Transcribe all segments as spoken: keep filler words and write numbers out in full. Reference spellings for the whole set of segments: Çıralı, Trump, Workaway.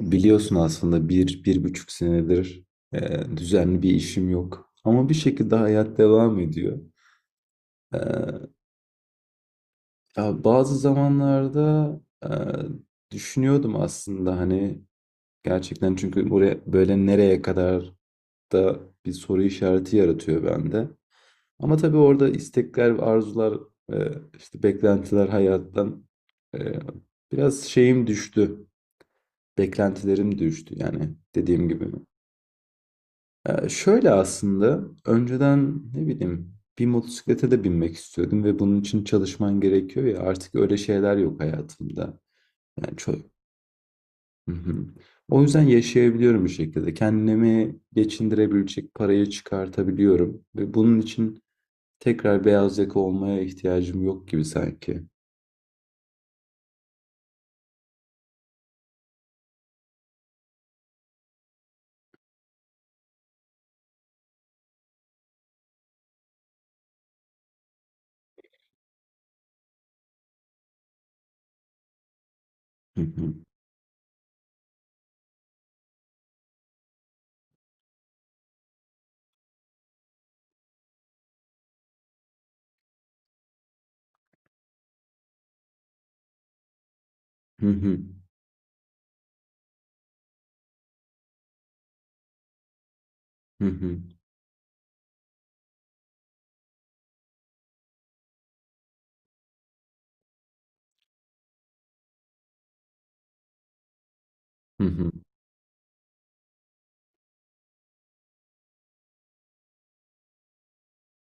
Biliyorsun aslında bir, bir buçuk senedir e, düzenli bir işim yok. Ama bir şekilde hayat devam ediyor. E, ya bazı zamanlarda e, düşünüyordum aslında hani gerçekten çünkü buraya böyle nereye kadar da bir soru işareti yaratıyor bende. Ama tabii orada istekler, arzular, e, işte beklentiler hayattan e, biraz şeyim düştü. Beklentilerim düştü yani dediğim gibi. Ee, şöyle aslında önceden ne bileyim bir motosiklete de binmek istiyordum ve bunun için çalışman gerekiyor ya artık öyle şeyler yok hayatımda. Yani çok... Hı hı. O yüzden yaşayabiliyorum bir şekilde. Kendimi geçindirebilecek parayı çıkartabiliyorum ve bunun için tekrar beyaz yaka olmaya ihtiyacım yok gibi sanki. Hı hı. Hı hı. Hı hı. Hı hı.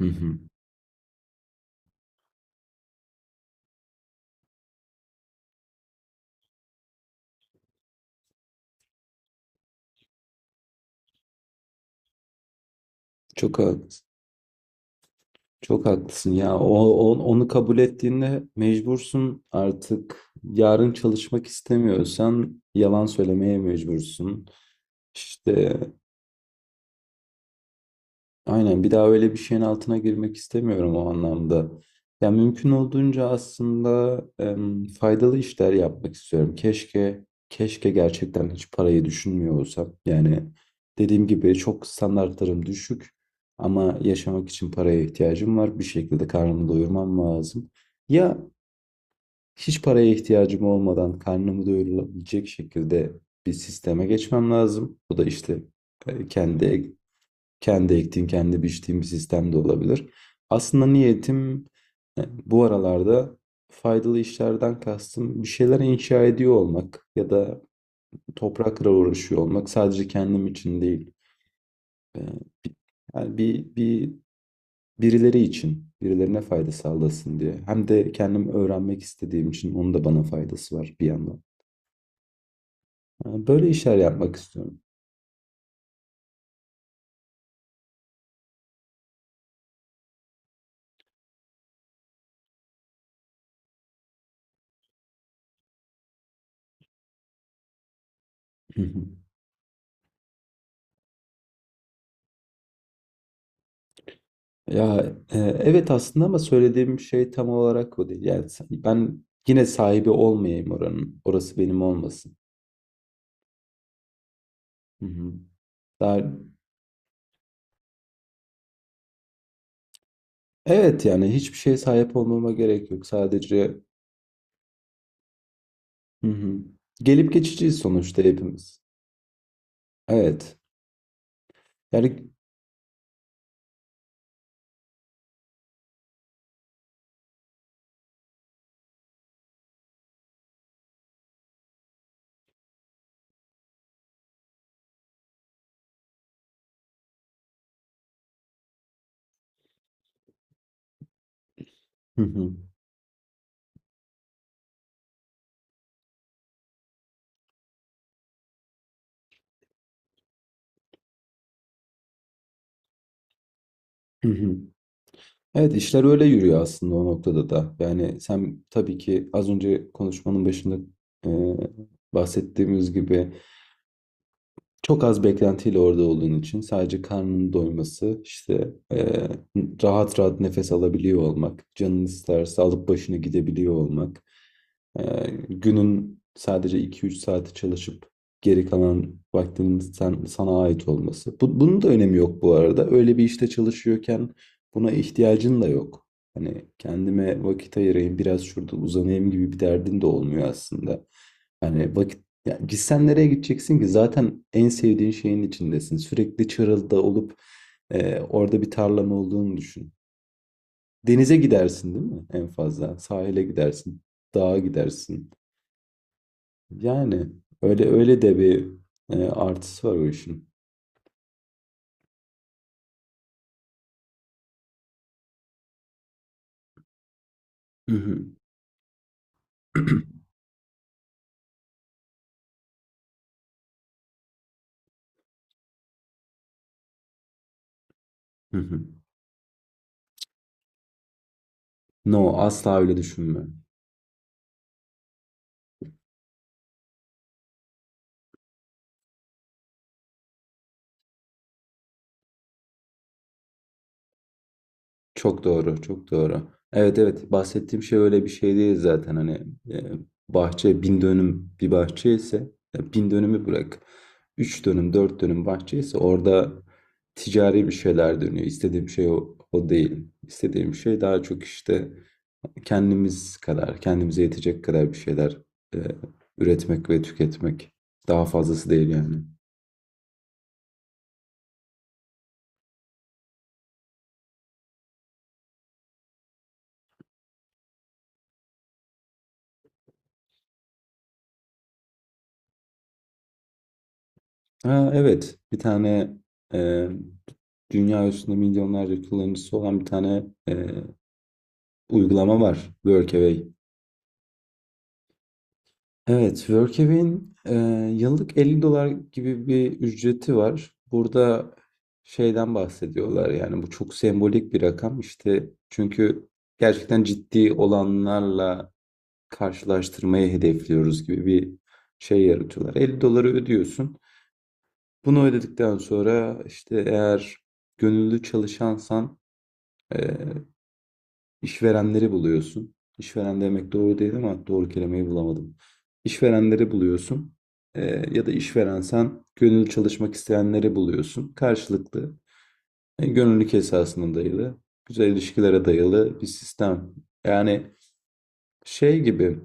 Hı hı. Çok haklısın. Çok haklısın ya. O, o- onu kabul ettiğinde mecbursun artık. Yarın çalışmak istemiyorsan yalan söylemeye mecbursun. İşte aynen bir daha öyle bir şeyin altına girmek istemiyorum o anlamda. Ya mümkün olduğunca aslında em, faydalı işler yapmak istiyorum. Keşke keşke gerçekten hiç parayı düşünmüyor olsam. Yani dediğim gibi çok standartlarım düşük ama yaşamak için paraya ihtiyacım var. Bir şekilde karnımı doyurmam lazım. Ya hiç paraya ihtiyacım olmadan karnımı doyurulabilecek şekilde bir sisteme geçmem lazım. Bu da işte e, kendi kendi ektiğim, kendi biçtiğim bir sistem de olabilir. Aslında niyetim e, bu aralarda faydalı işlerden kastım bir şeyler inşa ediyor olmak ya da toprakla uğraşıyor olmak sadece kendim için değil. E, bi- Yani bir, bir birileri için, birilerine fayda sağlasın diye. Hem de kendim öğrenmek istediğim için onun da bana faydası var bir yandan. E, Böyle işler yapmak istiyorum. Ya e, evet aslında ama söylediğim şey tam olarak o değil. Yani sen- ben yine sahibi olmayayım oranın. Orası benim olmasın. Hı hı. Daha, evet yani hiçbir şeye sahip olmama gerek yok. Sadece hı hı. Gelip geçiciyiz sonuçta hepimiz. Evet. Yani hı hı. Hı hı. Evet işler öyle yürüyor aslında o noktada da. Yani sen tabii ki az önce konuşmanın başında e, bahsettiğimiz gibi çok az beklentiyle orada olduğun için sadece karnının doyması, işte, eee, rahat rahat nefes alabiliyor olmak, canın isterse alıp başını gidebiliyor olmak, eee, günün sadece iki üç saati çalışıp geri kalan vaktinin sen, sana ait olması. Bu, bunun da önemi yok bu arada. Öyle bir işte çalışıyorken buna ihtiyacın da yok. Hani kendime vakit ayırayım, biraz şurada uzanayım gibi bir derdin de olmuyor aslında. Hani vakit ya gitsen nereye gideceksin ki? Zaten en sevdiğin şeyin içindesin. Sürekli Çıralı'da olup e, orada bir tarlan olduğunu düşün. Denize gidersin değil mi en fazla? Sahile gidersin, dağa gidersin. Yani öyle öyle de bir e, artısı var o işin. Hı hı, hı hı. No, asla öyle düşünme. Çok doğru, çok doğru. Evet evet bahsettiğim şey öyle bir şey değil zaten hani e, bahçe bin dönüm bir bahçe ise e, bin dönümü bırak. Üç dönüm dört dönüm bahçe ise orada ticari bir şeyler dönüyor. İstediğim şey o, o değil. İstediğim şey daha çok işte kendimiz kadar kendimize yetecek kadar bir şeyler e, üretmek ve tüketmek. Daha fazlası değil yani. Ha, evet. Bir tane e, dünya üstünde milyonlarca kullanıcısı olan bir tane e, uygulama var. Workaway. Evet, Workaway'in e, yıllık elli dolar gibi bir ücreti var. Burada şeyden bahsediyorlar yani bu çok sembolik bir rakam işte çünkü gerçekten ciddi olanlarla karşılaştırmayı hedefliyoruz gibi bir şey yaratıyorlar. elli doları ödüyorsun. Bunu ödedikten sonra işte eğer gönüllü çalışansan eee, işverenleri buluyorsun. İşveren demek doğru değil ama doğru kelimeyi bulamadım. İşverenleri buluyorsun. Eee, ya da işverensen gönüllü çalışmak isteyenleri buluyorsun. Karşılıklı e, gönüllülük esasına dayalı, güzel ilişkilere dayalı bir sistem. Yani şey gibi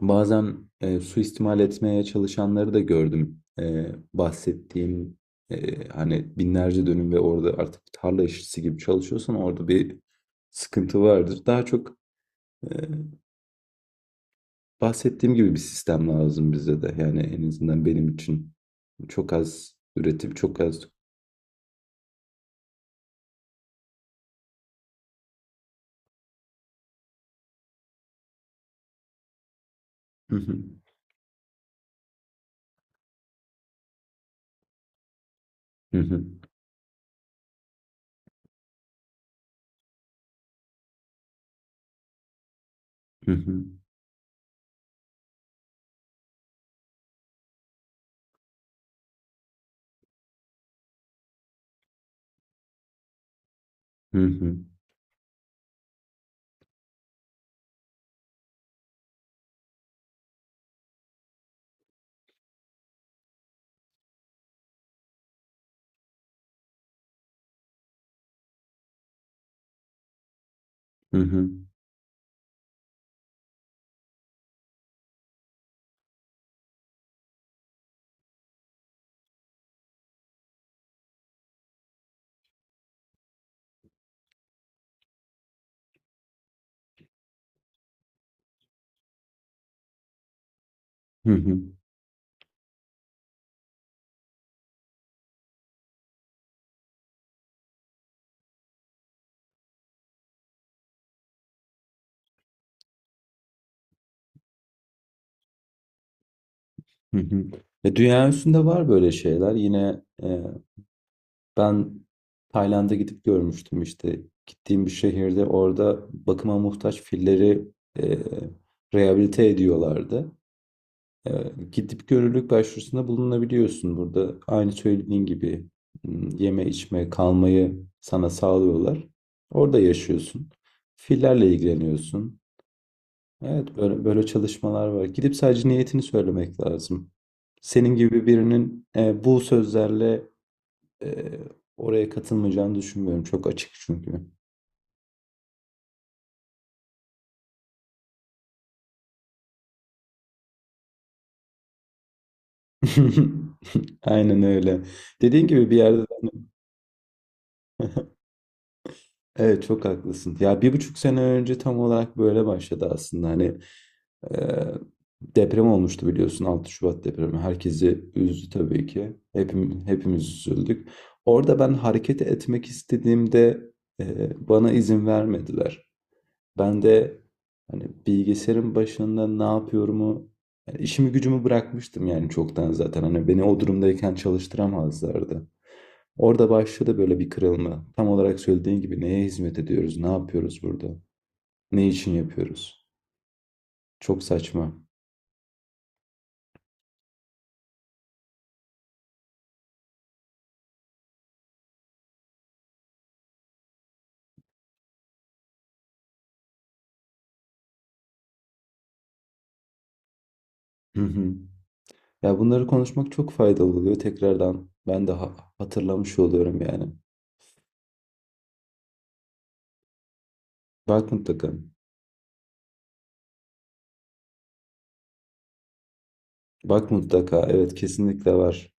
bazen e, suistimal etmeye çalışanları da gördüm. E, bahsettiğim e, hani binlerce dönüm ve orada artık tarla işçisi gibi çalışıyorsan orada bir sıkıntı vardır. Daha çok e, bahsettiğim gibi bir sistem lazım bize de. Yani en azından benim için çok az üretim, çok az. Hı hı, hı hı, hı hı, hı hı, hı hı, hı hı, hı hı. E, dünya üstünde var böyle şeyler. Yine e, Ben Tayland'a gidip görmüştüm işte. Gittiğim bir şehirde orada bakıma muhtaç filleri e, rehabilite ediyorlardı. E, Gidip görürlük başvurusunda bulunabiliyorsun burada. Aynı söylediğin gibi m, yeme içme kalmayı sana sağlıyorlar. Orada yaşıyorsun. Fillerle ilgileniyorsun. Evet böyle, böyle çalışmalar var. Gidip sadece niyetini söylemek lazım. Senin gibi birinin e, bu sözlerle Eee, oraya katılmayacağını düşünmüyorum. Çok açık çünkü. Aynen öyle. Dediğin gibi bir yerde evet çok haklısın. Ya bir buçuk sene önce tam olarak böyle başladı aslında. Hani eee, deprem olmuştu biliyorsun altı Şubat depremi. Herkesi üzdü tabii ki. Hepim, hepimiz üzüldük. Orada ben hareket etmek istediğimde eee, bana izin vermediler. Ben de hani bilgisayarın başında ne yapıyorumu, yani işimi gücümü bırakmıştım yani çoktan zaten. Hani beni o durumdayken çalıştıramazlardı. Orada başladı böyle bir kırılma. Tam olarak söylediğin gibi neye hizmet ediyoruz, ne yapıyoruz burada, ne için yapıyoruz? Çok saçma. Hı hı. Ya bunları konuşmak çok faydalı oluyor tekrardan. Ben de ha- hatırlamış oluyorum yani. Bak mutlaka. Bak mutlaka. Evet kesinlikle var.